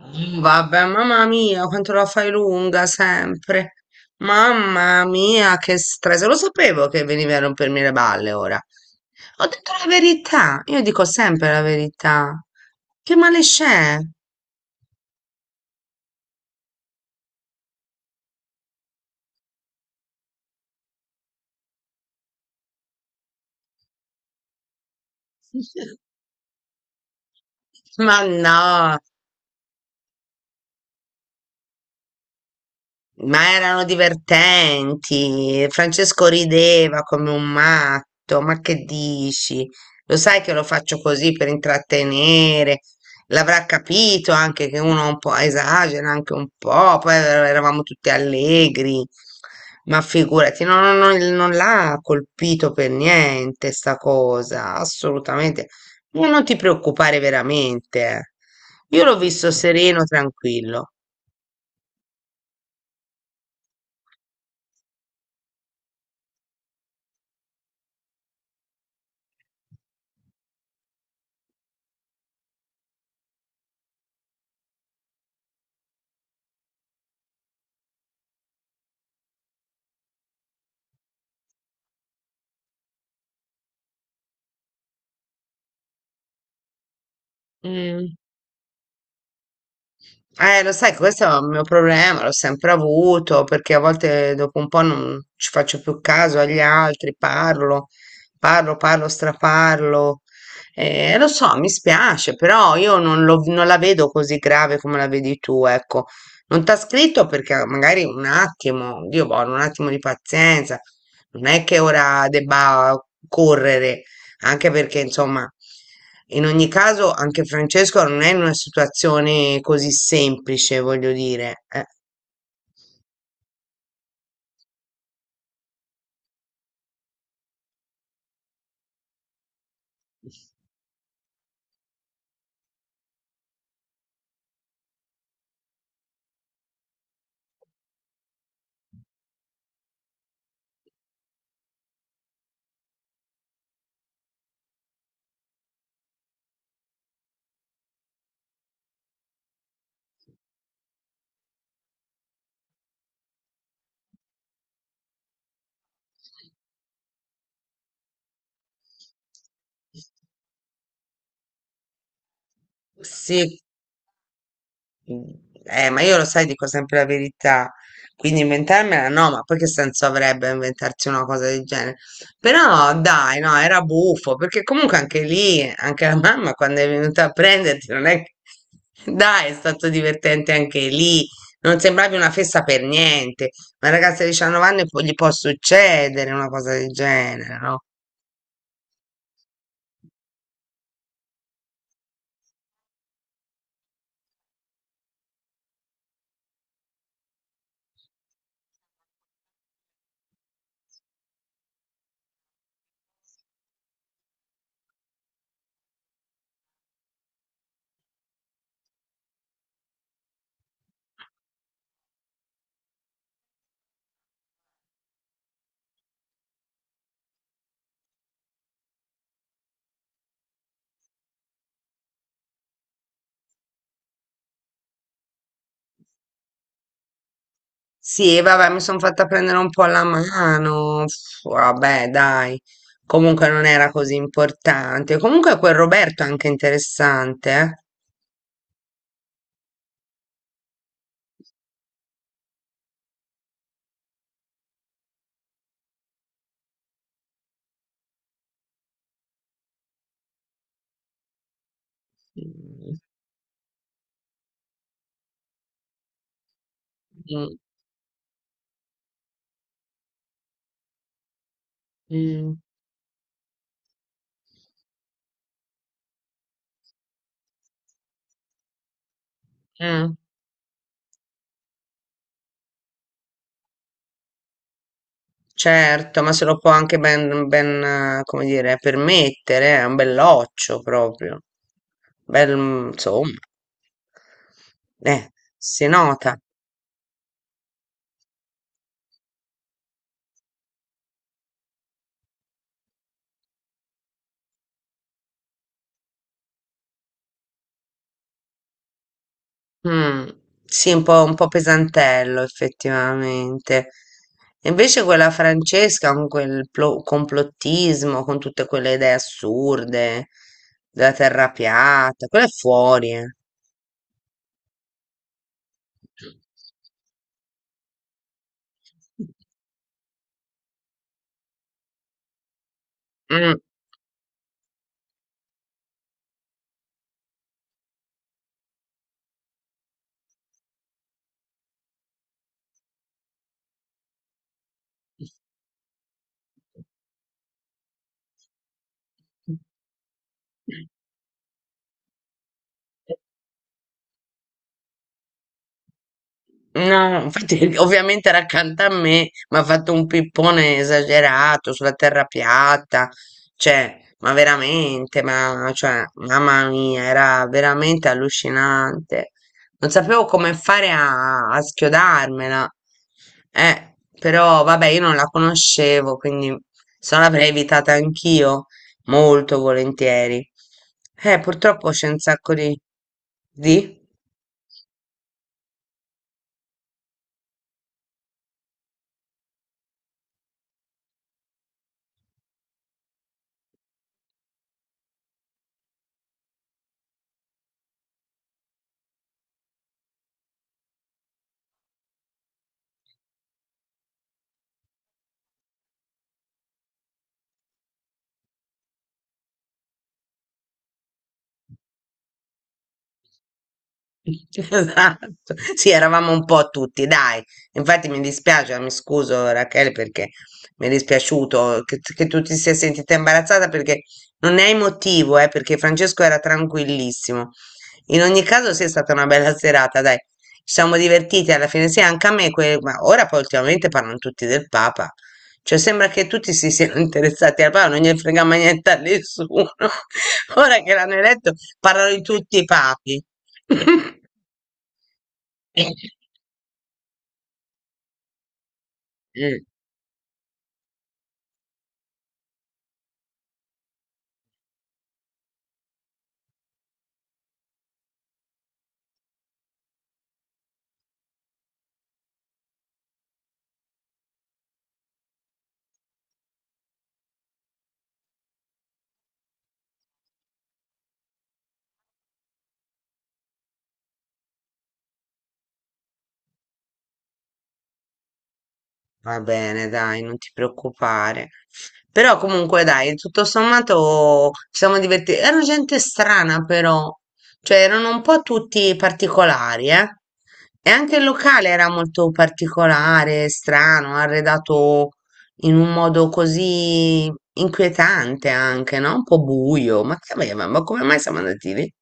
Vabbè, mamma mia, quanto la fai lunga sempre. Mamma mia, che stress. Lo sapevo che venivi a rompermi le balle ora. Ho detto la verità. Io dico sempre la verità. Che male c'è? Ma no. Ma erano divertenti. Francesco rideva come un matto. Ma che dici? Lo sai che lo faccio così per intrattenere. L'avrà capito anche che uno un po' esagera, anche un po'. Poi eravamo tutti allegri. Ma figurati, no, no, no, non l'ha colpito per niente sta cosa, assolutamente. Ma non ti preoccupare veramente. Eh. Io l'ho visto sereno, tranquillo. Mm. Lo sai, che questo è un mio problema, l'ho sempre avuto, perché a volte dopo un po' non ci faccio più caso agli altri, parlo, parlo, parlo, straparlo. Lo so, mi spiace, però io non, non la vedo così grave come la vedi tu, ecco. Non t'ha scritto perché magari un attimo, Dio buono, un attimo di pazienza, non è che ora debba correre, anche perché, insomma, in ogni caso, anche Francesco non è in una situazione così semplice, voglio dire. Sì. Mm. Ma io lo sai, dico sempre la verità, quindi inventarmela no, ma poi che senso avrebbe inventarsi una cosa del genere? Però dai, no, era buffo, perché comunque anche lì, anche la mamma quando è venuta a prenderti, non è che... Dai, è stato divertente anche lì, non sembravi una festa per niente, ma ragazza di 19 anni gli può succedere una cosa del genere, no? Sì, e vabbè, mi sono fatta prendere un po' la mano. Pff, vabbè, dai. Comunque non era così importante. Comunque quel Roberto è anche interessante, eh. Mm, mm, mm. Certo, ma se lo può anche ben, ben, come dire, permettere, è un belloccio proprio. Bel, insomma, eh, si nota. Mm, sì, un po' pesantello effettivamente. E invece quella Francesca con quel complottismo, con tutte quelle idee assurde della terra piatta, quella è fuori. Eh. Mm. No, infatti, ovviamente era accanto a me, mi ha fatto un pippone esagerato sulla terra piatta, cioè, ma veramente, ma cioè, mamma mia, era veramente allucinante. Non sapevo come fare a, a schiodarmela. Però vabbè, io non la conoscevo, quindi se no l'avrei evitata anch'io molto volentieri. Purtroppo c'è un sacco di... Di? Esatto, sì, eravamo un po' tutti, dai. Infatti mi dispiace, mi scuso Rachele perché mi è dispiaciuto che tu ti sia sentita imbarazzata perché non ne hai motivo, perché Francesco era tranquillissimo. In ogni caso, sì, è stata una bella serata, dai. Ci siamo divertiti alla fine, sì, anche a me, ma ora poi ultimamente parlano tutti del Papa. Cioè, sembra che tutti si siano interessati al Papa, non gli frega mai niente a nessuno. Ora che l'hanno eletto, parlano di tutti i papi. Mm, Va bene, dai, non ti preoccupare. Però comunque dai, tutto sommato ci siamo divertiti. Era gente strana però, cioè erano un po' tutti particolari, eh. E anche il locale era molto particolare, strano, arredato in un modo così inquietante anche, no? Un po' buio. Ma che aveva? Ma come mai siamo andati lì?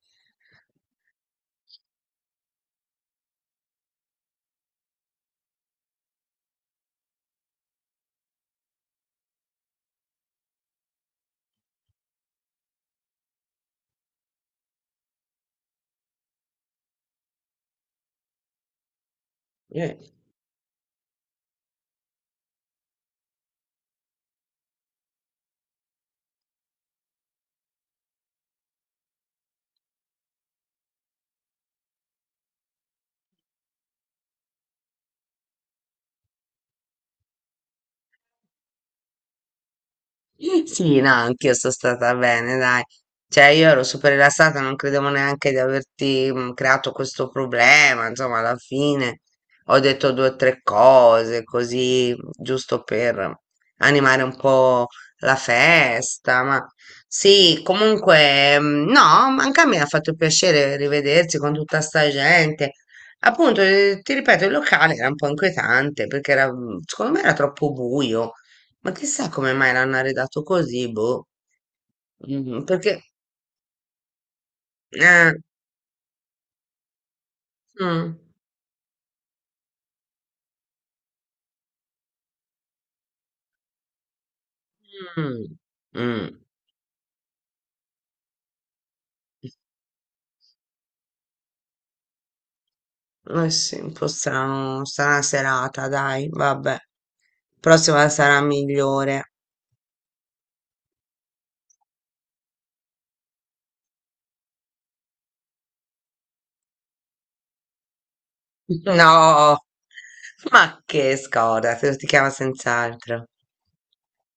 Eh. Sì, no, anch'io sono stata bene, dai. Cioè, io ero super rilassata, non credevo neanche di averti creato questo problema. Insomma, alla fine ho detto due o tre cose, così, giusto per animare un po' la festa. Ma sì, comunque, no, anche a me ha fatto piacere rivedersi con tutta sta gente. Appunto, ti ripeto, il locale era un po' inquietante perché era, secondo me era troppo buio. Ma chissà come mai l'hanno arredato così, boh. Perché... Eh, mm, mm, mm. Eh sì, un po' strano, strana serata, dai, vabbè. Prossima sarà migliore. No, ma che scorda, se lo ti chiama senz'altro.